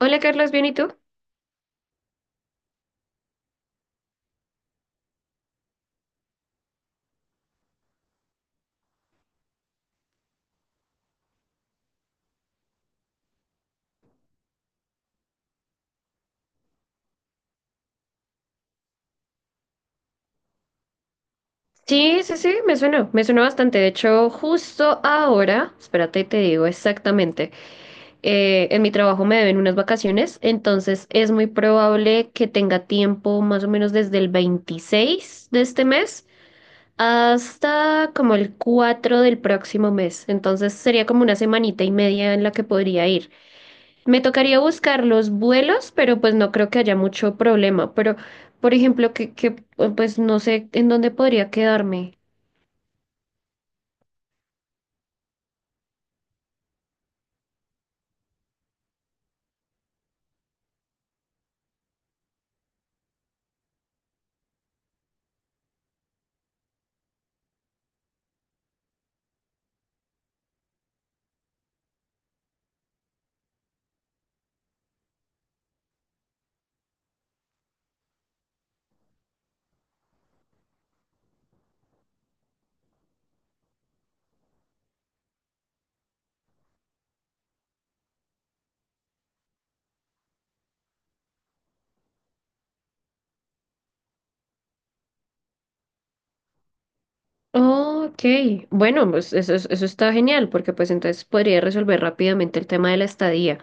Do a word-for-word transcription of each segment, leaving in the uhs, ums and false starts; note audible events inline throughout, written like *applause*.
Hola Carlos, ¿bien y tú? Sí, sí, sí, me suena, me suena bastante. De hecho, justo ahora, espérate y te digo exactamente, eh, en mi trabajo me deben unas vacaciones, entonces es muy probable que tenga tiempo más o menos desde el veintiséis de este mes hasta como el cuatro del próximo mes. Entonces sería como una semanita y media en la que podría ir. Me tocaría buscar los vuelos, pero pues no creo que haya mucho problema. Pero, por ejemplo, que, que pues no sé en dónde podría quedarme. Oh, ok, bueno, pues eso, es- eso está genial, porque pues entonces podría resolver rápidamente el tema de la estadía.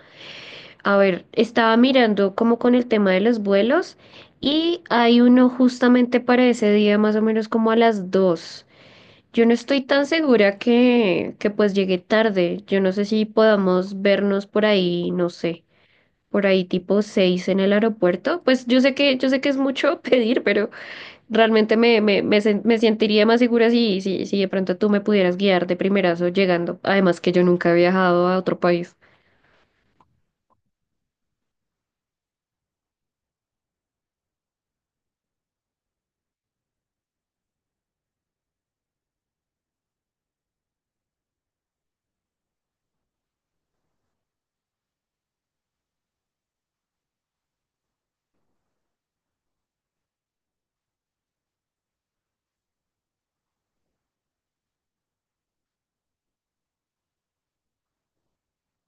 A ver, estaba mirando como con el tema de los vuelos y hay uno justamente para ese día, más o menos como a las dos. Yo no estoy tan segura que, que pues llegue tarde. Yo no sé si podamos vernos por ahí, no sé, por ahí tipo seis en el aeropuerto. Pues yo sé que, yo sé que es mucho *laughs* pedir, pero realmente me, me, me, sen- me sentiría más segura si, si, si de pronto tú me pudieras guiar de primerazo llegando. Además que yo nunca he viajado a otro país.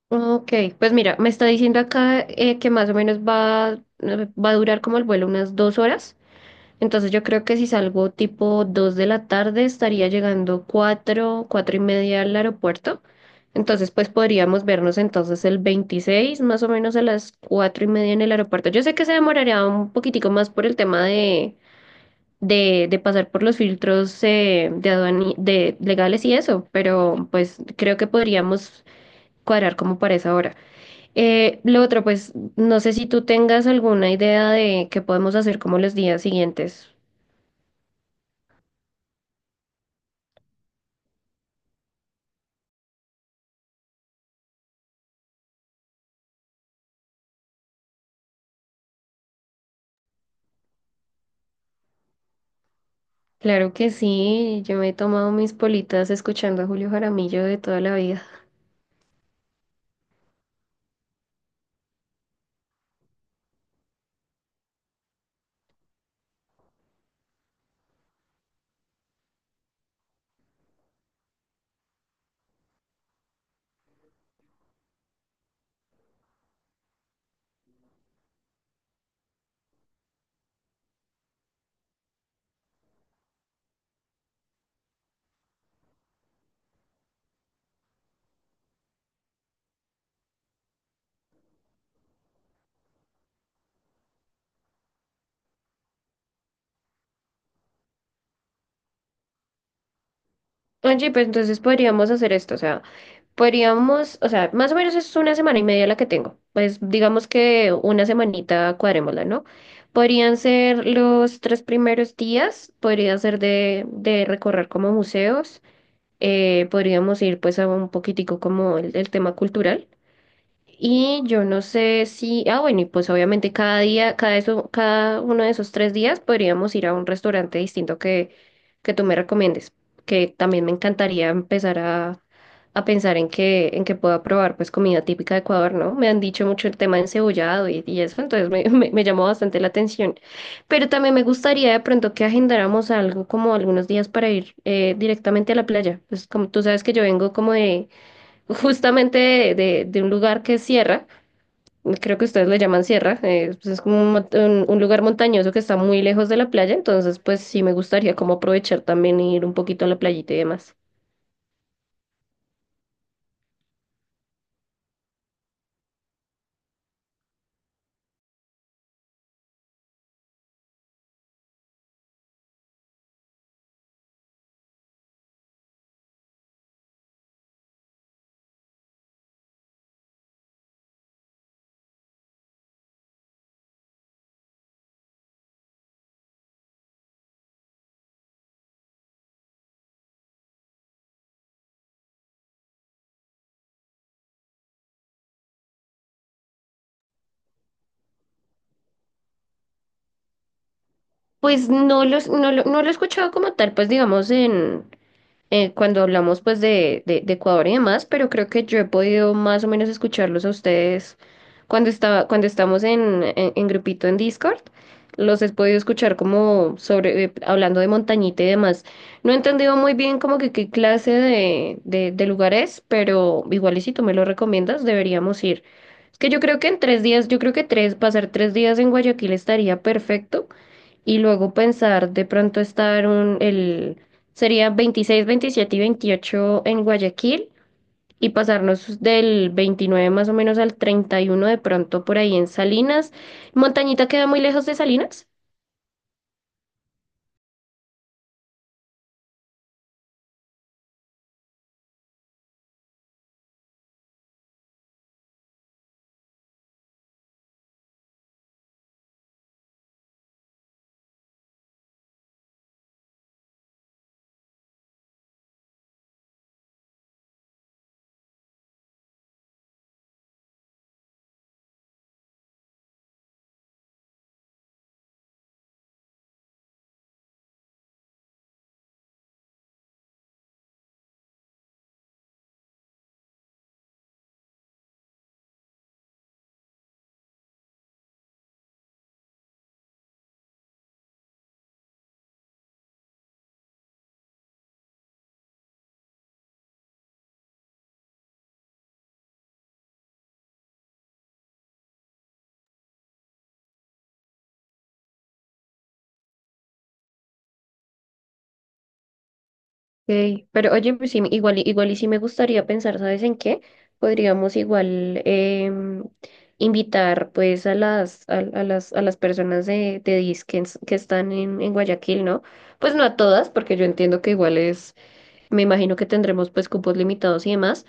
Ok, pues mira, me está diciendo acá eh, que más o menos va, eh, va a durar como el vuelo unas dos horas. Entonces yo creo que si salgo tipo dos de la tarde estaría llegando cuatro, cuatro y media al aeropuerto. Entonces pues podríamos vernos entonces el veintiséis más o menos a las cuatro y media en el aeropuerto. Yo sé que se demoraría un poquitico más por el tema de, de, de pasar por los filtros eh, de aduani- de legales y eso, pero pues creo que podríamos cuadrar como para esa hora. Eh, lo otro pues no sé si tú tengas alguna idea de qué podemos hacer como los días siguientes. Claro que sí, yo me he tomado mis politas escuchando a Julio Jaramillo de toda la vida. Oye, pues entonces podríamos hacer esto, o sea, podríamos, o sea, más o menos es una semana y media la que tengo, pues digamos que una semanita cuadrémosla, ¿no? Podrían ser los tres primeros días, podría ser de, de recorrer como museos, eh, podríamos ir pues a un poquitico como el el tema cultural. Y yo no sé si, ah, bueno, y pues obviamente cada día, cada eso, cada uno de esos tres días podríamos ir a un restaurante distinto que, que tú me recomiendes, que también me encantaría empezar a, a pensar en que, en que pueda probar pues comida típica de Ecuador, ¿no? Me han dicho mucho el tema de encebollado y, y eso, entonces me, *laughs* me, me llamó bastante la atención. Pero también me gustaría de pronto que agendáramos algo como algunos días para ir eh, directamente a la playa. Pues como tú sabes que yo vengo como de justamente de, de- de un lugar que es sierra, creo que ustedes le llaman sierra, eh, pues es como un, mont- un- un lugar montañoso que está muy lejos de la playa, entonces pues sí me gustaría como aprovechar también e ir un poquito a la playita y demás. Pues no los, no lo, no lo he escuchado como tal, pues digamos en, eh, cuando hablamos pues de, de, de Ecuador y demás, pero creo que yo he podido más o menos escucharlos a ustedes cuando estaba, cuando estamos en, en, en grupito en Discord. Los he podido escuchar como sobre, eh, hablando de montañita y demás. No he entendido muy bien como que qué clase de, de, de lugar es, pero igual y si tú me lo recomiendas, deberíamos ir. Es que yo creo que en tres días, yo creo que tres, pasar tres días en Guayaquil estaría perfecto y luego pensar de pronto estar un, el, sería veintiséis, veintisiete y veintiocho en Guayaquil y pasarnos del veintinueve más o menos al treinta y uno de pronto por ahí en Salinas. Montañita queda muy lejos de Salinas. Ok, pero oye, pues sí, igual, y- igual y sí me gustaría pensar, ¿sabes en qué? Podríamos igual em, invitar pues a las, a, a las, a las personas de, de Disque que están en, en Guayaquil, ¿no? Pues no a todas, porque yo entiendo que igual es. Me imagino que tendremos pues cupos limitados y demás,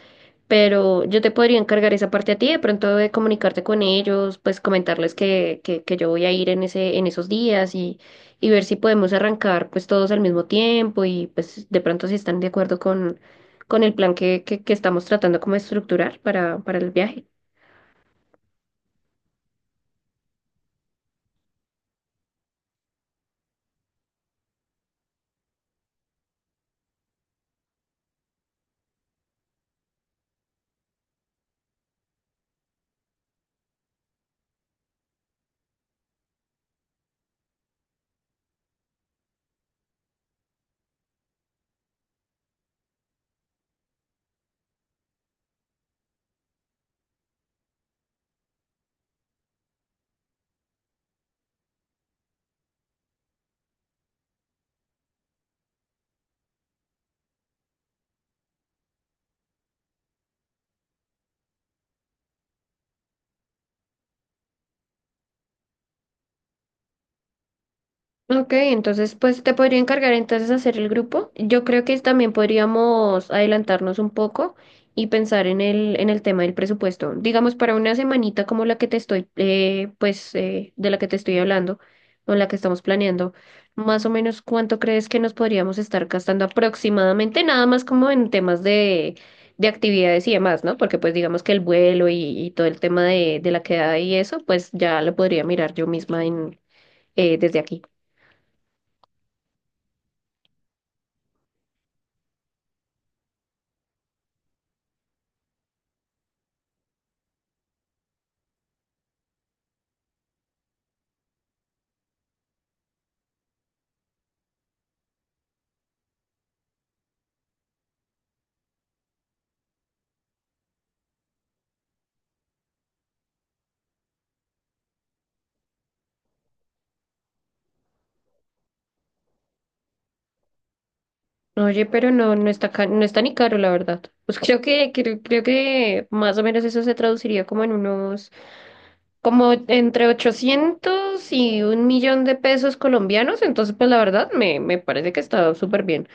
pero yo te podría encargar esa parte a ti, de pronto de comunicarte con ellos, pues comentarles que, que, que yo voy a ir en ese, en esos días y, y ver si podemos arrancar pues todos al mismo tiempo y pues de pronto si están de acuerdo con, con el plan que, que, que estamos tratando como de estructurar para, para el viaje. Ok, entonces pues te podría encargar entonces hacer el grupo. Yo creo que también podríamos adelantarnos un poco y pensar en el, en el tema del presupuesto. Digamos, para una semanita como la que te estoy, eh, pues, eh, de la que te estoy hablando, o la que estamos planeando, más o menos cuánto crees que nos podríamos estar gastando aproximadamente, nada más como en temas de, de actividades y demás, ¿no? Porque pues digamos que el vuelo y, y todo el tema de, de la quedada y eso, pues ya lo podría mirar yo misma en, eh, desde aquí. Oye, pero no, no está ca- no está ni caro, la verdad. Pues creo que, creo, creo que más o menos eso se traduciría como en unos como entre ochocientos y un millón de pesos colombianos, entonces pues la verdad me, me parece que está súper bien.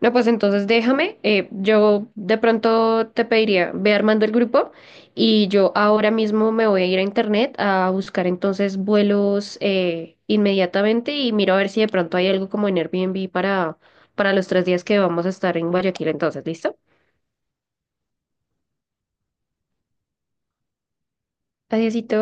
No, pues entonces déjame, eh, yo de pronto te pediría, ve armando el grupo y yo ahora mismo me voy a ir a internet a buscar entonces vuelos eh, inmediatamente y miro a ver si de pronto hay algo como en Airbnb para, para los tres días que vamos a estar en Guayaquil entonces, ¿listo? Adiósito.